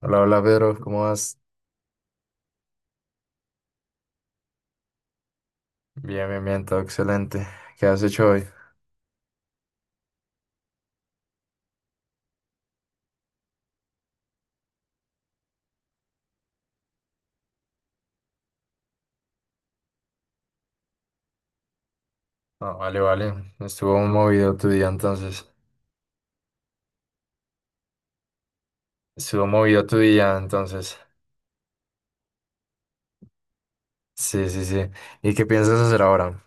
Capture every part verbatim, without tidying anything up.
Hola, hola Pedro, ¿cómo vas? Bien, bien, bien, todo excelente. ¿Qué has hecho hoy? Ah, vale, vale. Estuvo movido tu día entonces. Estuvo movido tu día entonces. Sí, sí, sí. ¿Y qué piensas hacer ahora?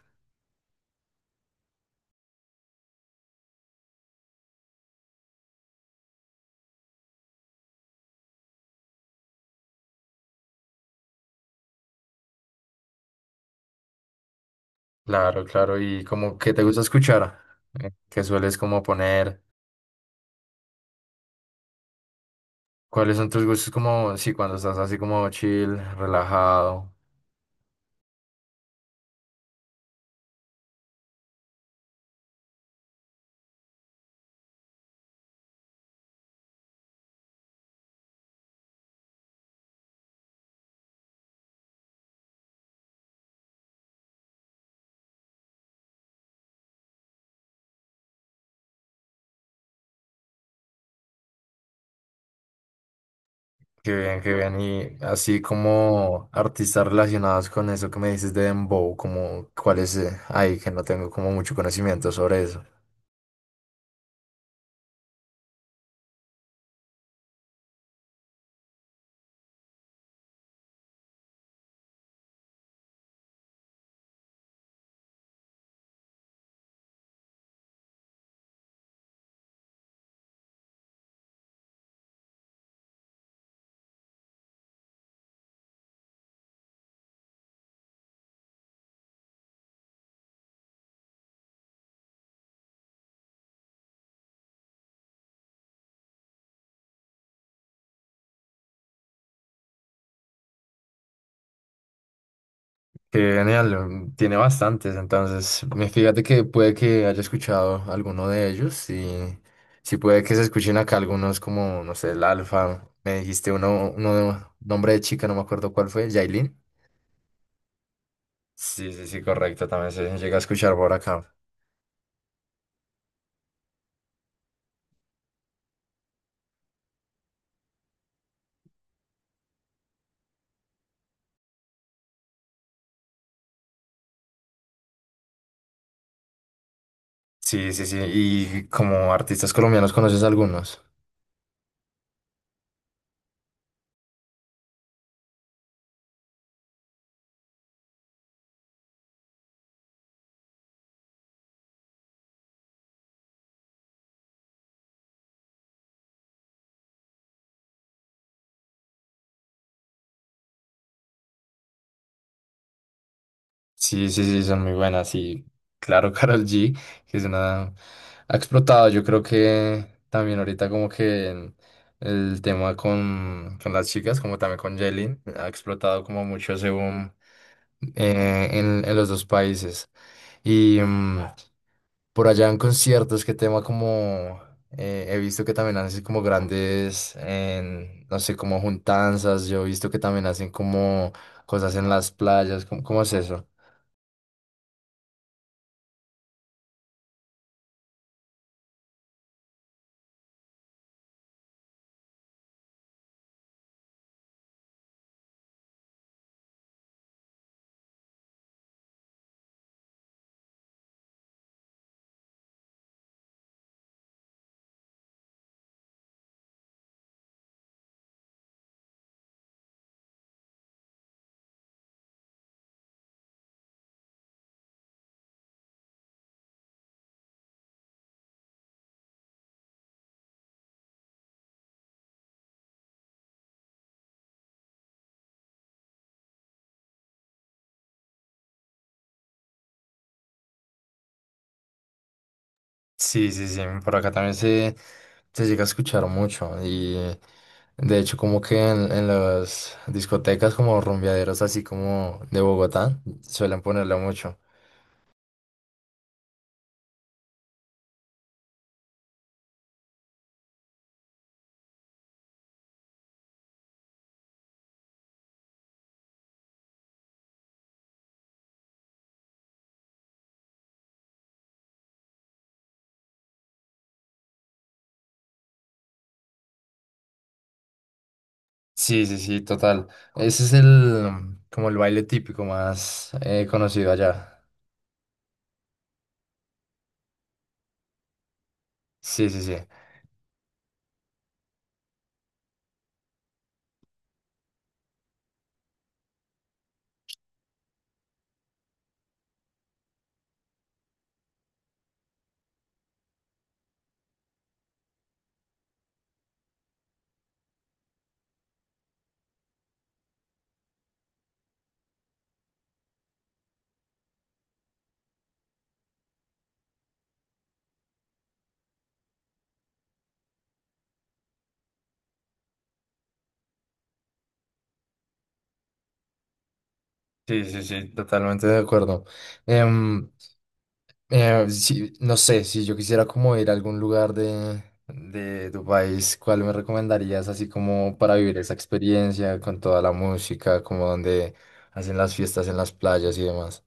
Claro, claro. ¿Y como qué te gusta escuchar? Eh, ¿Qué sueles como poner? ¿Cuáles son tus gustos como, sí, cuando estás así como chill, relajado? Qué bien, qué bien. Y así como artistas relacionados con eso que me dices de Dembow, como cuáles eh, hay que no tengo como mucho conocimiento sobre eso. Qué genial, mm, tiene bastantes, entonces me fíjate que puede que haya escuchado alguno de ellos y sí puede que se escuchen acá algunos como, no sé, el Alfa, me dijiste uno, uno de nombre de chica, no me acuerdo cuál fue, Yailin. Sí, sí, sí, correcto, también se llega a escuchar por acá. Sí, sí, sí, y como artistas colombianos conoces algunos. Sí, sí, sí, son muy buenas. Y claro, Karol G, que es una... ha explotado. Yo creo que también ahorita como que en el tema con, con las chicas, como también con Jelin, ha explotado como mucho ese boom eh, en, en los dos países. Y mm, por allá en conciertos, qué tema como... eh, he visto que también hacen como grandes, en, no sé, como juntanzas. Yo he visto que también hacen como cosas en las playas. ¿Cómo, cómo es eso? Sí, sí, sí, por acá también se, se llega a escuchar mucho y de hecho como que en, en las discotecas como rumbeaderos así como de Bogotá suelen ponerla mucho. Sí, sí, sí, total. Ese es el como el baile típico más eh, conocido allá. Sí, sí, sí. Sí, sí, sí, totalmente de acuerdo. Em, Eh, sí, no sé, si yo quisiera como ir a algún lugar de, de tu país, ¿cuál me recomendarías así como para vivir esa experiencia con toda la música, como donde hacen las fiestas en las playas y demás?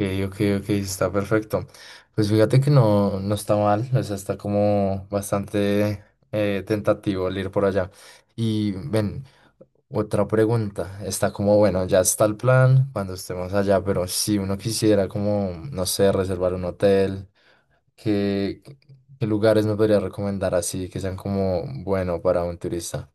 Ok, ok, ok, está perfecto. Pues fíjate que no, no está mal, o sea, está como bastante eh, tentativo el ir por allá. Y ven, otra pregunta, está como, bueno, ya está el plan cuando estemos allá, pero si uno quisiera como, no sé, reservar un hotel, ¿qué, qué lugares me podría recomendar así que sean como bueno para un turista?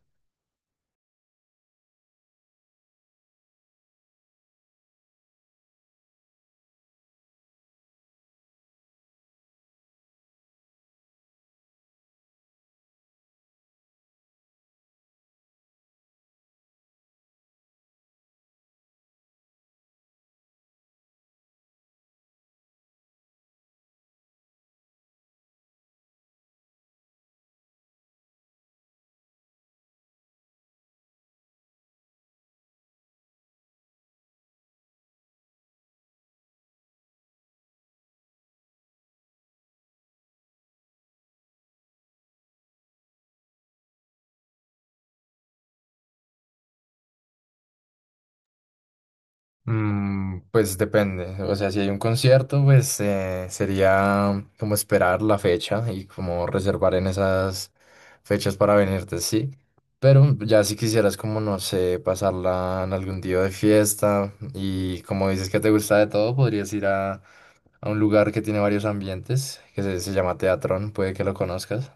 Mm, pues depende, o sea, si hay un concierto, pues eh, sería como esperar la fecha y como reservar en esas fechas para venirte, sí. Pero ya si quisieras como, no sé, pasarla en algún día de fiesta y como dices que te gusta de todo, podrías ir a, a un lugar que tiene varios ambientes, que se, se llama Teatrón, puede que lo conozcas.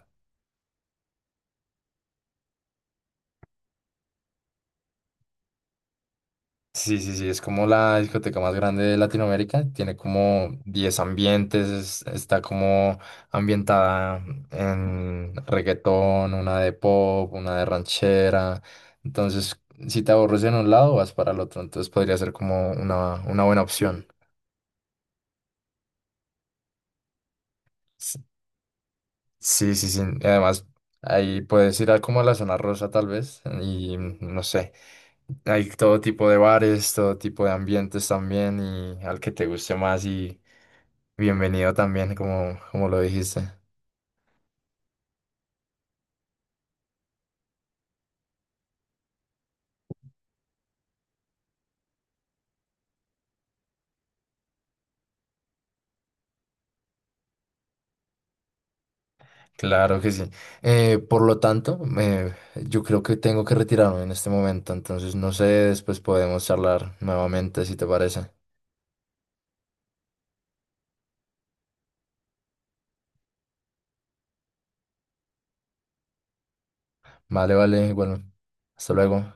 Sí, sí, sí, es como la discoteca más grande de Latinoamérica, tiene como diez ambientes, es- está como ambientada en reggaetón, una de pop, una de ranchera, entonces si te aburres en un lado vas para el otro, entonces podría ser como una, una buena opción. Sí, sí, sí. Y además, ahí puedes ir a como a la zona rosa tal vez y no sé. Hay todo tipo de bares, todo tipo de ambientes también y al que te guste más y bienvenido también, como, como lo dijiste. Claro que sí. Eh, por lo tanto, eh, yo creo que tengo que retirarme en este momento, entonces no sé, después podemos charlar nuevamente si te parece. Vale, vale, bueno, hasta luego.